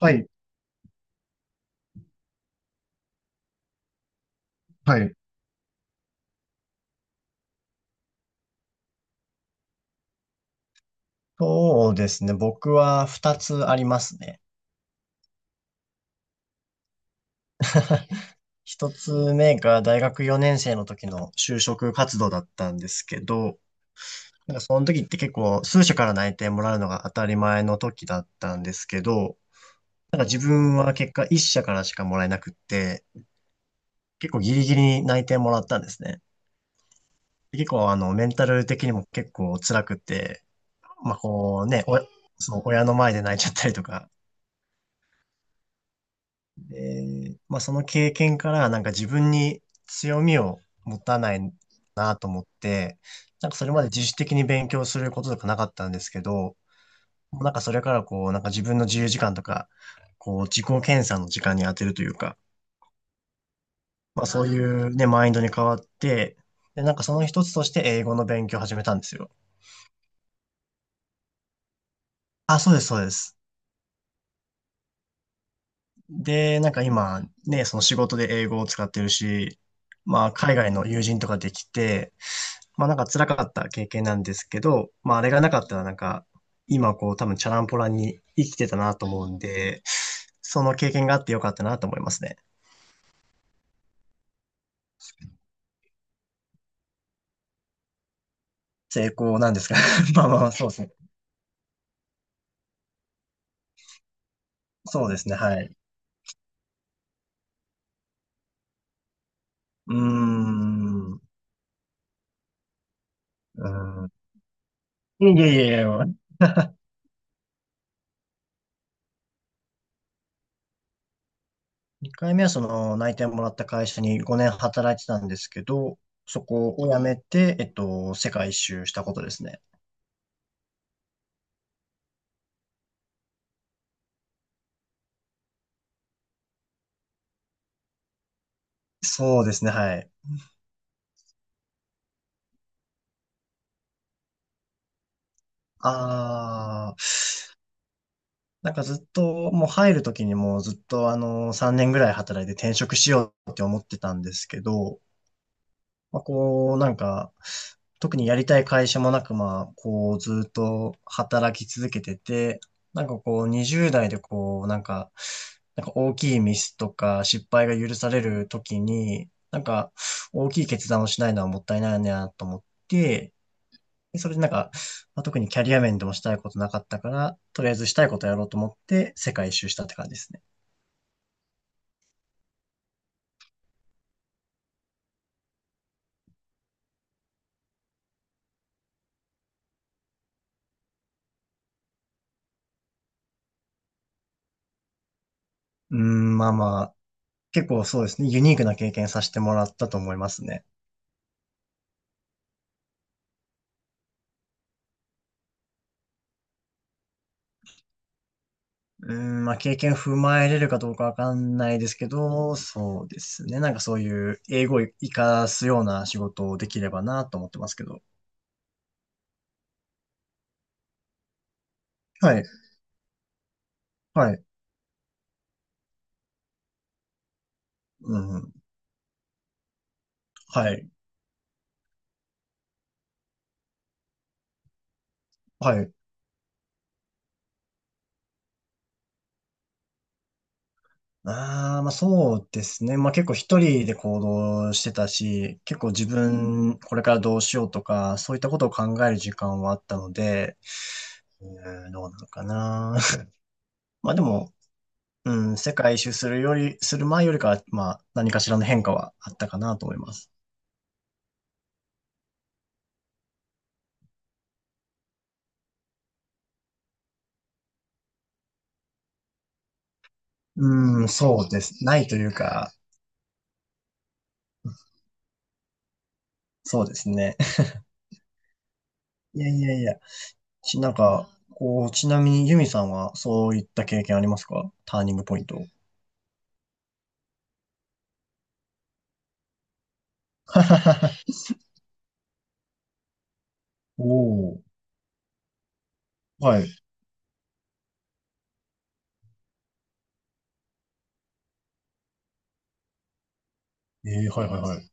はい、はい。そうですね。僕は二つありますね。一つ目が大学4年生の時の就職活動だったんですけど、なんかその時って結構数社から内定もらうのが当たり前の時だったんですけど、なんか自分は結果一社からしかもらえなくって、結構ギリギリに内定もらったんですね。で結構あのメンタル的にも結構辛くて、まあこうね、そう、親の前で泣いちゃったりとか、えまあ、その経験からなんか自分に強みを持たないなと思って、なんかそれまで自主的に勉強することとかなかったんですけど、なんかそれからこう、なんか自分の自由時間とか、こう自己検査の時間に当てるというか、まあそういうね、マインドに変わって、で、なんかその一つとして英語の勉強を始めたんですよ。あ、そうです、そうです。で、なんか今、ね、その仕事で英語を使ってるし、まあ、海外の友人とかできて、まあ、なんか辛かった経験なんですけど、まあ、あれがなかったら、なんか、今、こう、多分、チャランポランに生きてたなと思うんで、その経験があってよかったなと思いますね。成功なんですか？ まあまあ、そうですね。そうですね、はい。うーん。うーん。いえいえいえ、2回目はその内定もらった会社に5年働いてたんですけど、そこを辞めて、世界一周したことですね。そうですね、はい。あー、なんかずっと、もう入るときにもうずっと3年ぐらい働いて転職しようって思ってたんですけど、まあ、こう、なんか、特にやりたい会社もなく、まあ、こう、ずっと働き続けてて、なんかこう、20代でこう、なんか大きいミスとか失敗が許されるときに、なんか、大きい決断をしないのはもったいないなと思って、それでなんか、まあ、特にキャリア面でもしたいことなかったから、とりあえずしたいことやろうと思って世界一周したって感じですね。うーん、まあまあ、結構そうですね、ユニークな経験させてもらったと思いますね。うん、まあ、経験踏まえれるかどうかわかんないですけど、そうですね。なんかそういう英語を活かすような仕事をできればなと思ってますけど。はい、はい、うん、はい、はい。ああ、まあそうですね。まあ結構一人で行動してたし、結構自分これからどうしようとか、そういったことを考える時間はあったので、うん、どうなのかな。まあでも、うん、世界一周するより、する前よりかは、まあ、何かしらの変化はあったかなと思います。うん、そうです。ないというか、そうですね。いやいやいや。なんか、こう、ちなみにユミさんはそういった経験ありますか？ターニングポイント。おお、はい。えー、はいはいはい。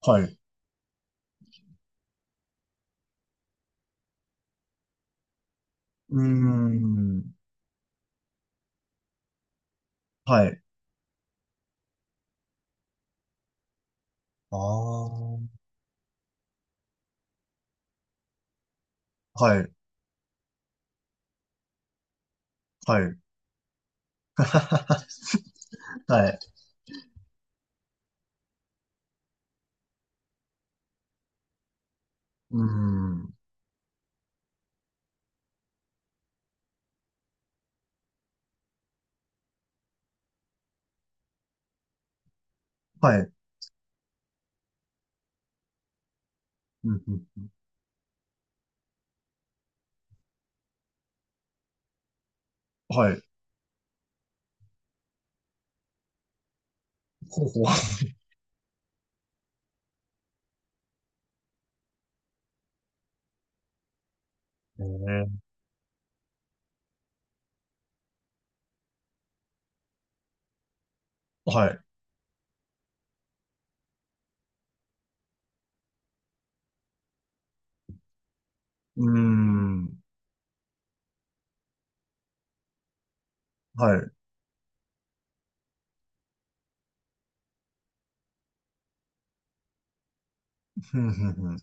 はい。うーん、はい。ああ、はい、はい。はい。うーん、はい。うんうんはい。ほうほう。えー、はい。うーん。はい。ふんふんふん。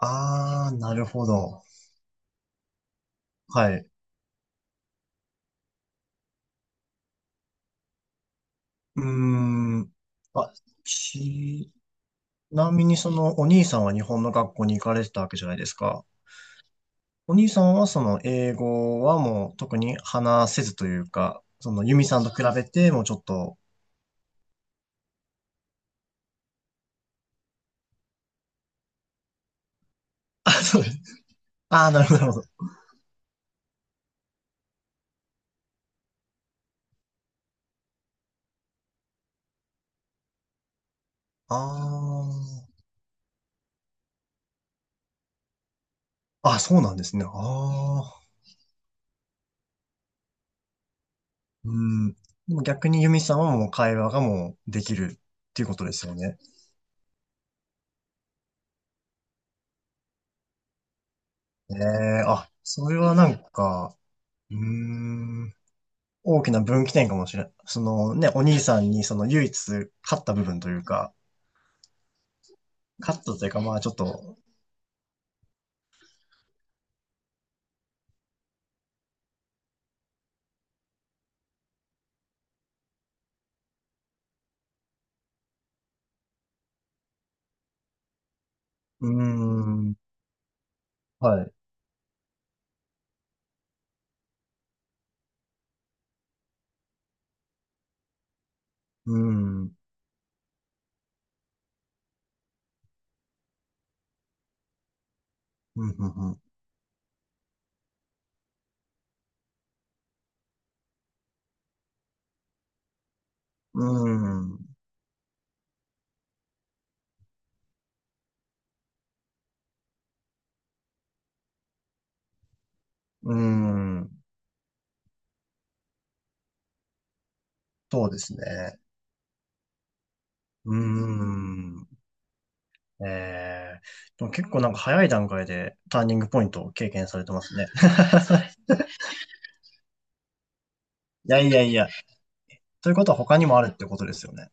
ああ、なるほど。はい。うーん。あ、ちなみにそのお兄さんは日本の学校に行かれてたわけじゃないですか。お兄さんはその英語はもう特に話せずというか、そのユミさんと比べてもうちょっと。あ、そうです。ああ、なるほど、なるほど。ああ。あ、そうなんですね。ああ。うん。でも逆にユミさんはもう会話がもうできるっていうことですよね。ええあ、それはなんか、うーん、大きな分岐点かもしれん。そのね、お兄さんにその唯一勝った部分というか、勝ったというか、まあちょっと。うーん、はい、うーん、うん、うん、うん、うーん、うーん、そうですね。うーん、ええでも結構なんか早い段階でターニングポイントを経験されてますね。いやいやいや、ということは他にもあるってことですよね。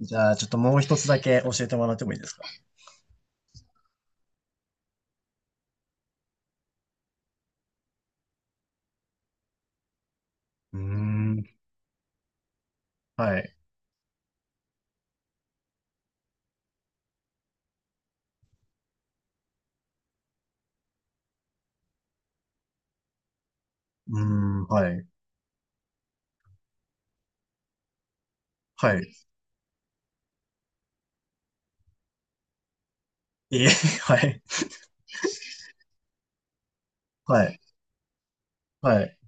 じゃあ、ちょっともう一つだけ教えてもらってもいいですか？うーん、はい。うーん、はい。はい。いえ、はい。はい。はい。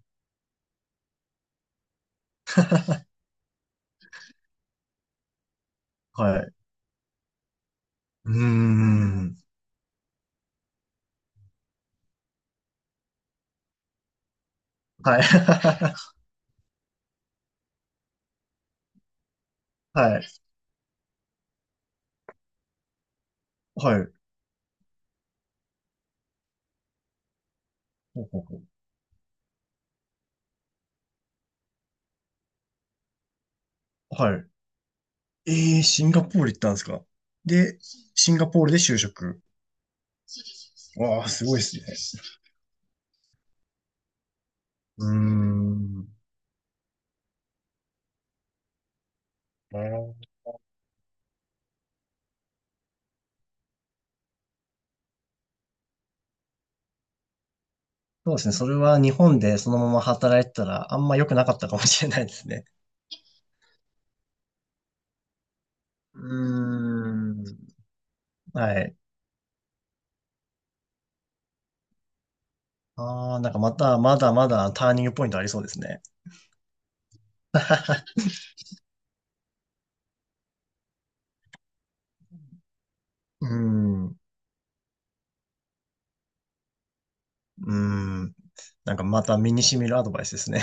はい。うーん。はい。はい。はい。ほうほうほう。はい。えー、シンガポール行ったんですか？で、シンガポールで就職。わあ、すごいですね。うーん。そうですね。それは日本でそのまま働いてたらあんま良くなかったかもしれないですね。うーん。はい。ああ、なんかまた、まだまだターニングポイントありそうですね。うん。うん。なんかまた身に染みるアドバイスですね。